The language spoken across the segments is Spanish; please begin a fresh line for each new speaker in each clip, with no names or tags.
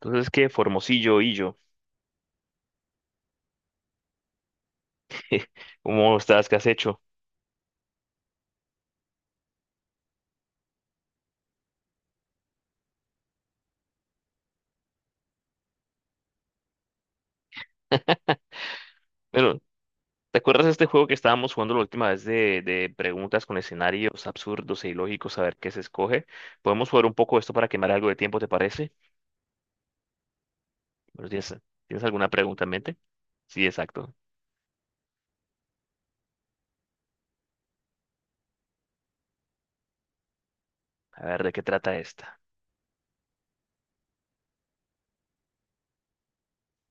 Entonces, ¿qué? Formosillo, Illo, ¿cómo estás? ¿Qué has hecho? Bueno, ¿te acuerdas de este juego que estábamos jugando la última vez de preguntas con escenarios absurdos e ilógicos, a ver qué se escoge? Podemos jugar un poco esto para quemar algo de tiempo, ¿te parece? Bueno, tienes alguna pregunta en mente? Sí, exacto. A ver, ¿de qué trata esta?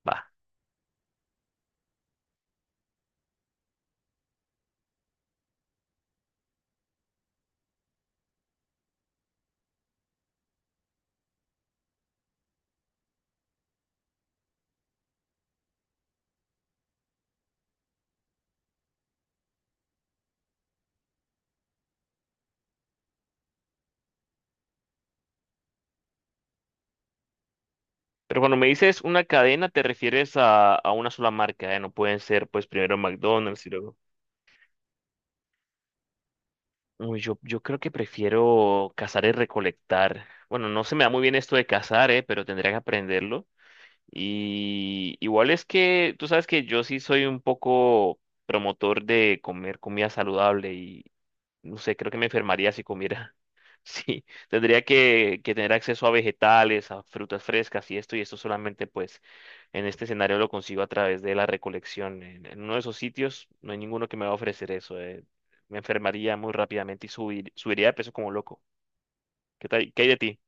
Va. Pero cuando me dices una cadena, te refieres a una sola marca, ¿eh? No pueden ser, pues, primero McDonald's y luego... Uy, yo creo que prefiero cazar y recolectar. Bueno, no se me da muy bien esto de cazar, pero tendría que aprenderlo. Y igual es que tú sabes que yo sí soy un poco promotor de comer comida saludable y no sé, creo que me enfermaría si comiera. Sí, tendría que tener acceso a vegetales, a frutas frescas y esto solamente pues en este escenario lo consigo a través de la recolección. En uno de esos sitios no hay ninguno que me va a ofrecer eso. Me enfermaría muy rápidamente y subiría de peso como loco. ¿Qué tal? ¿Qué hay de ti?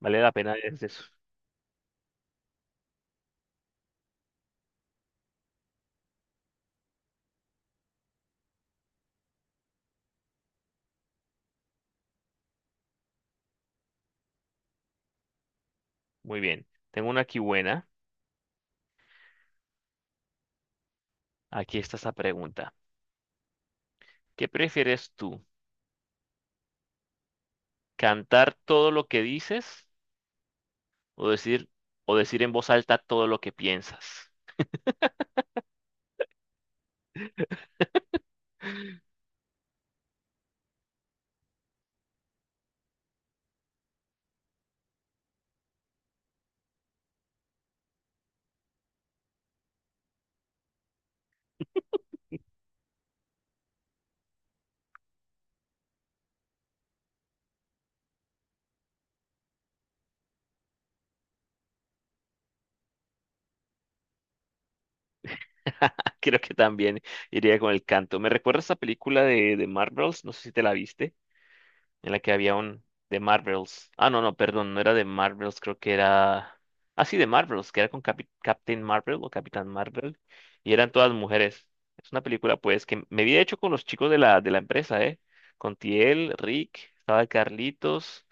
¿Vale la pena hacer eso? Muy bien. Tengo una aquí buena. Aquí está esa pregunta. ¿Qué prefieres tú? ¿Cantar todo lo que dices o decir o decir en voz alta todo lo que piensas? Creo que también iría con el canto. Me recuerda esa película de Marvels, no sé si te la viste. En la que había un de Marvels. Ah, no, no, perdón, no era de Marvels, creo que era... Ah, sí, de Marvels, que era con Captain Marvel o Capitán Marvel, y eran todas mujeres. Es una película, pues, que me había hecho con los chicos de la empresa, ¿eh? Con Tiel, Rick, estaba Carlitos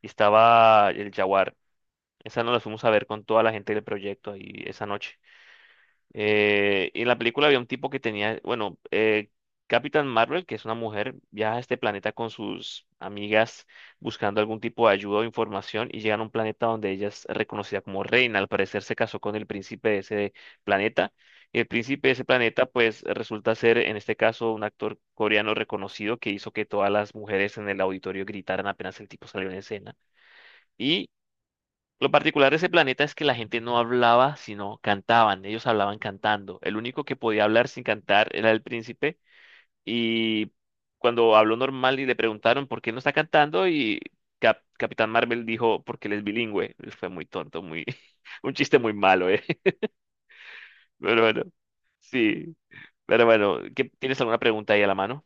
y estaba el Jaguar. Esa nos la fuimos a ver con toda la gente del proyecto ahí esa noche. Y en la película había un tipo que tenía, bueno, Capitán Marvel, que es una mujer, viaja a este planeta con sus amigas buscando algún tipo de ayuda o información y llegan a un planeta donde ella es reconocida como reina. Al parecer se casó con el príncipe de ese planeta. Y el príncipe de ese planeta, pues, resulta ser, en este caso, un actor coreano reconocido que hizo que todas las mujeres en el auditorio gritaran apenas el tipo salió en escena. Y lo particular de ese planeta es que la gente no hablaba, sino cantaban. Ellos hablaban cantando. El único que podía hablar sin cantar era el príncipe. Y cuando habló normal y le preguntaron por qué no está cantando, y Capitán Marvel dijo porque él es bilingüe. Fue muy tonto, muy un chiste muy malo, ¿eh? Pero bueno, sí. Pero bueno, ¿tienes alguna pregunta ahí a la mano?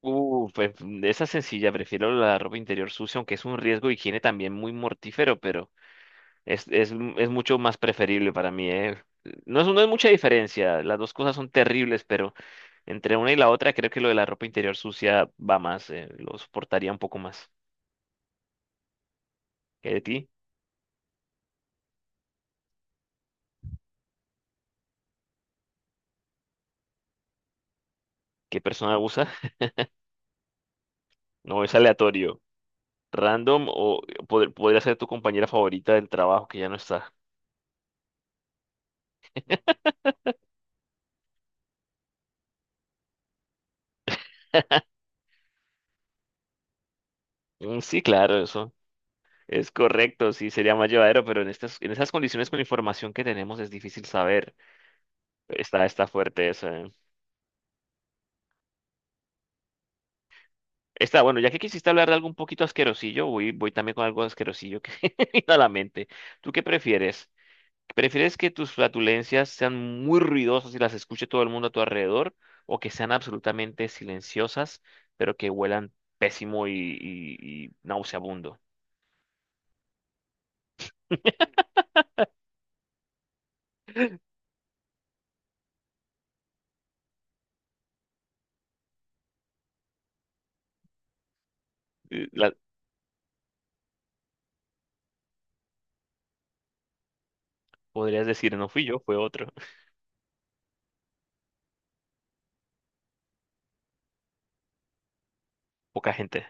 Pues de esa sencilla, prefiero la ropa interior sucia, aunque es un riesgo de higiene también muy mortífero, pero es mucho más preferible para mí, ¿eh? No es mucha diferencia, las dos cosas son terribles, pero entre una y la otra creo que lo de la ropa interior sucia va más, lo soportaría un poco más. ¿Qué de ti? ¿Qué persona usa? No, es aleatorio, random o podría ser tu compañera favorita del trabajo que ya no está. Mm, sí, claro, eso es correcto, sí, sería más llevadero, pero en estas, en esas condiciones con la información que tenemos es difícil saber. Está, está fuerte eso, ¿eh? Está bueno, ya que quisiste hablar de algo un poquito asquerosillo, voy también con algo asquerosillo que me vino a la mente. ¿Tú qué prefieres? ¿Prefieres que tus flatulencias sean muy ruidosas y las escuche todo el mundo a tu alrededor? ¿O que sean absolutamente silenciosas, pero que huelan pésimo y nauseabundo? la- Podrías decir, no fui yo, fue otro. Poca gente.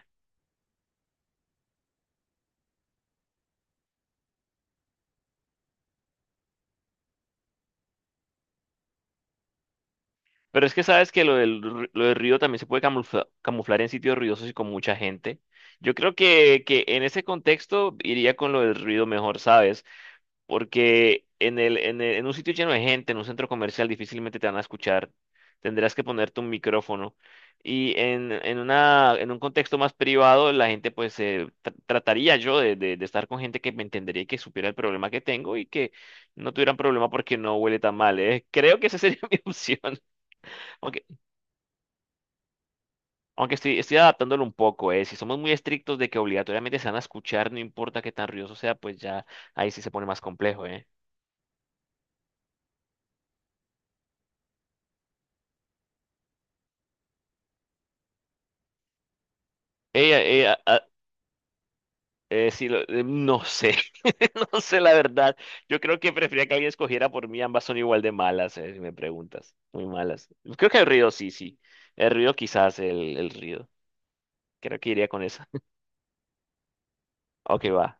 Pero es que sabes que lo del ruido también se puede camuflar en sitios ruidosos y con mucha gente. Yo creo que en ese contexto iría con lo del ruido mejor, ¿sabes? Porque en un sitio lleno de gente, en un centro comercial, difícilmente te van a escuchar. Tendrás que ponerte un micrófono. Y en un contexto más privado, la gente, pues, trataría yo de estar con gente que me entendería y que supiera el problema que tengo y que no tuvieran problema porque no huele tan mal, ¿eh? Creo que esa sería mi opción. aunque Aunque estoy adaptándolo un poco, eh. Si somos muy estrictos de que obligatoriamente se van a escuchar, no importa qué tan ruidoso sea, pues ya ahí sí se pone más complejo, eh. Ella, ella, ah, sí, no sé, no sé la verdad. Yo creo que prefería que alguien escogiera por mí, ambas son igual de malas, si me preguntas. Muy malas. Creo que el ruido sí, sí. El ruido quizás, el ruido. Creo que iría con esa. Ok, va.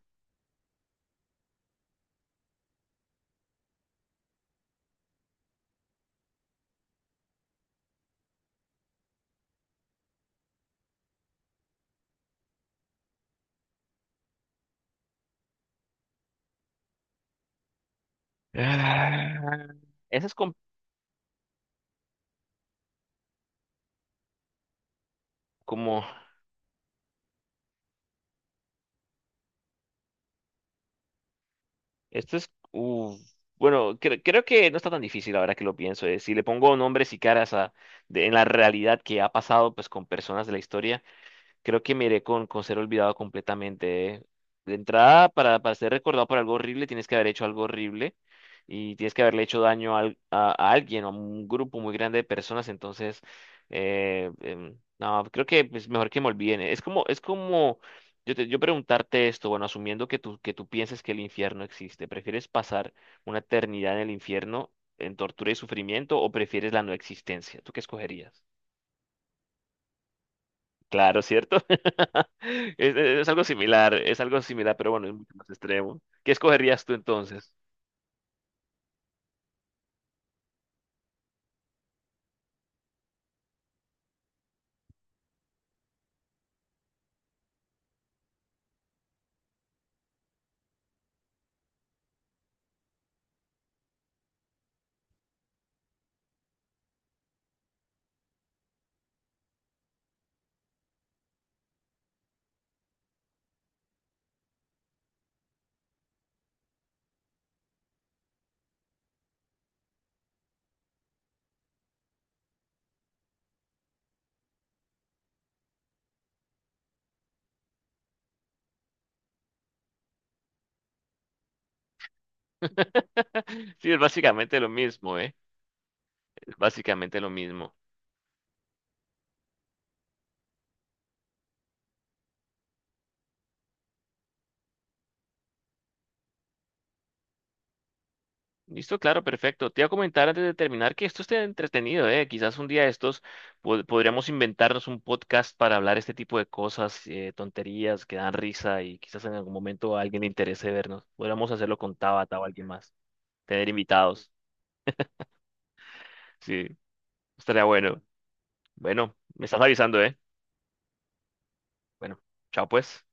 Ah, esa es como. Esto es, uf, bueno, creo que no está tan difícil ahora que lo pienso. Eh. Si le pongo nombres y caras a en la realidad que ha pasado pues con personas de la historia. Creo que me iré con ser olvidado completamente. ¿Eh? De entrada, para ser recordado por algo horrible, tienes que haber hecho algo horrible y tienes que haberle hecho daño a alguien o a un grupo muy grande de personas. Entonces, no, creo que es mejor que me olviden. Es como yo, yo preguntarte esto, bueno, asumiendo que tú pienses que el infierno existe, ¿prefieres pasar una eternidad en el infierno en tortura y sufrimiento o prefieres la no existencia? ¿Tú qué escogerías? Claro, ¿cierto? Es algo similar, pero bueno, es mucho más extremo. ¿Qué escogerías tú entonces? Sí, es básicamente lo mismo, ¿eh? Es básicamente lo mismo. Listo, claro, perfecto. Te iba a comentar antes de terminar que esto esté entretenido, ¿eh? Quizás un día de estos podríamos inventarnos un podcast para hablar este tipo de cosas, tonterías que dan risa y quizás en algún momento a alguien le interese vernos. Podríamos hacerlo con Tabata o alguien más, tener invitados. Sí, estaría bueno. Bueno, me estás avisando, ¿eh? Bueno, chao pues.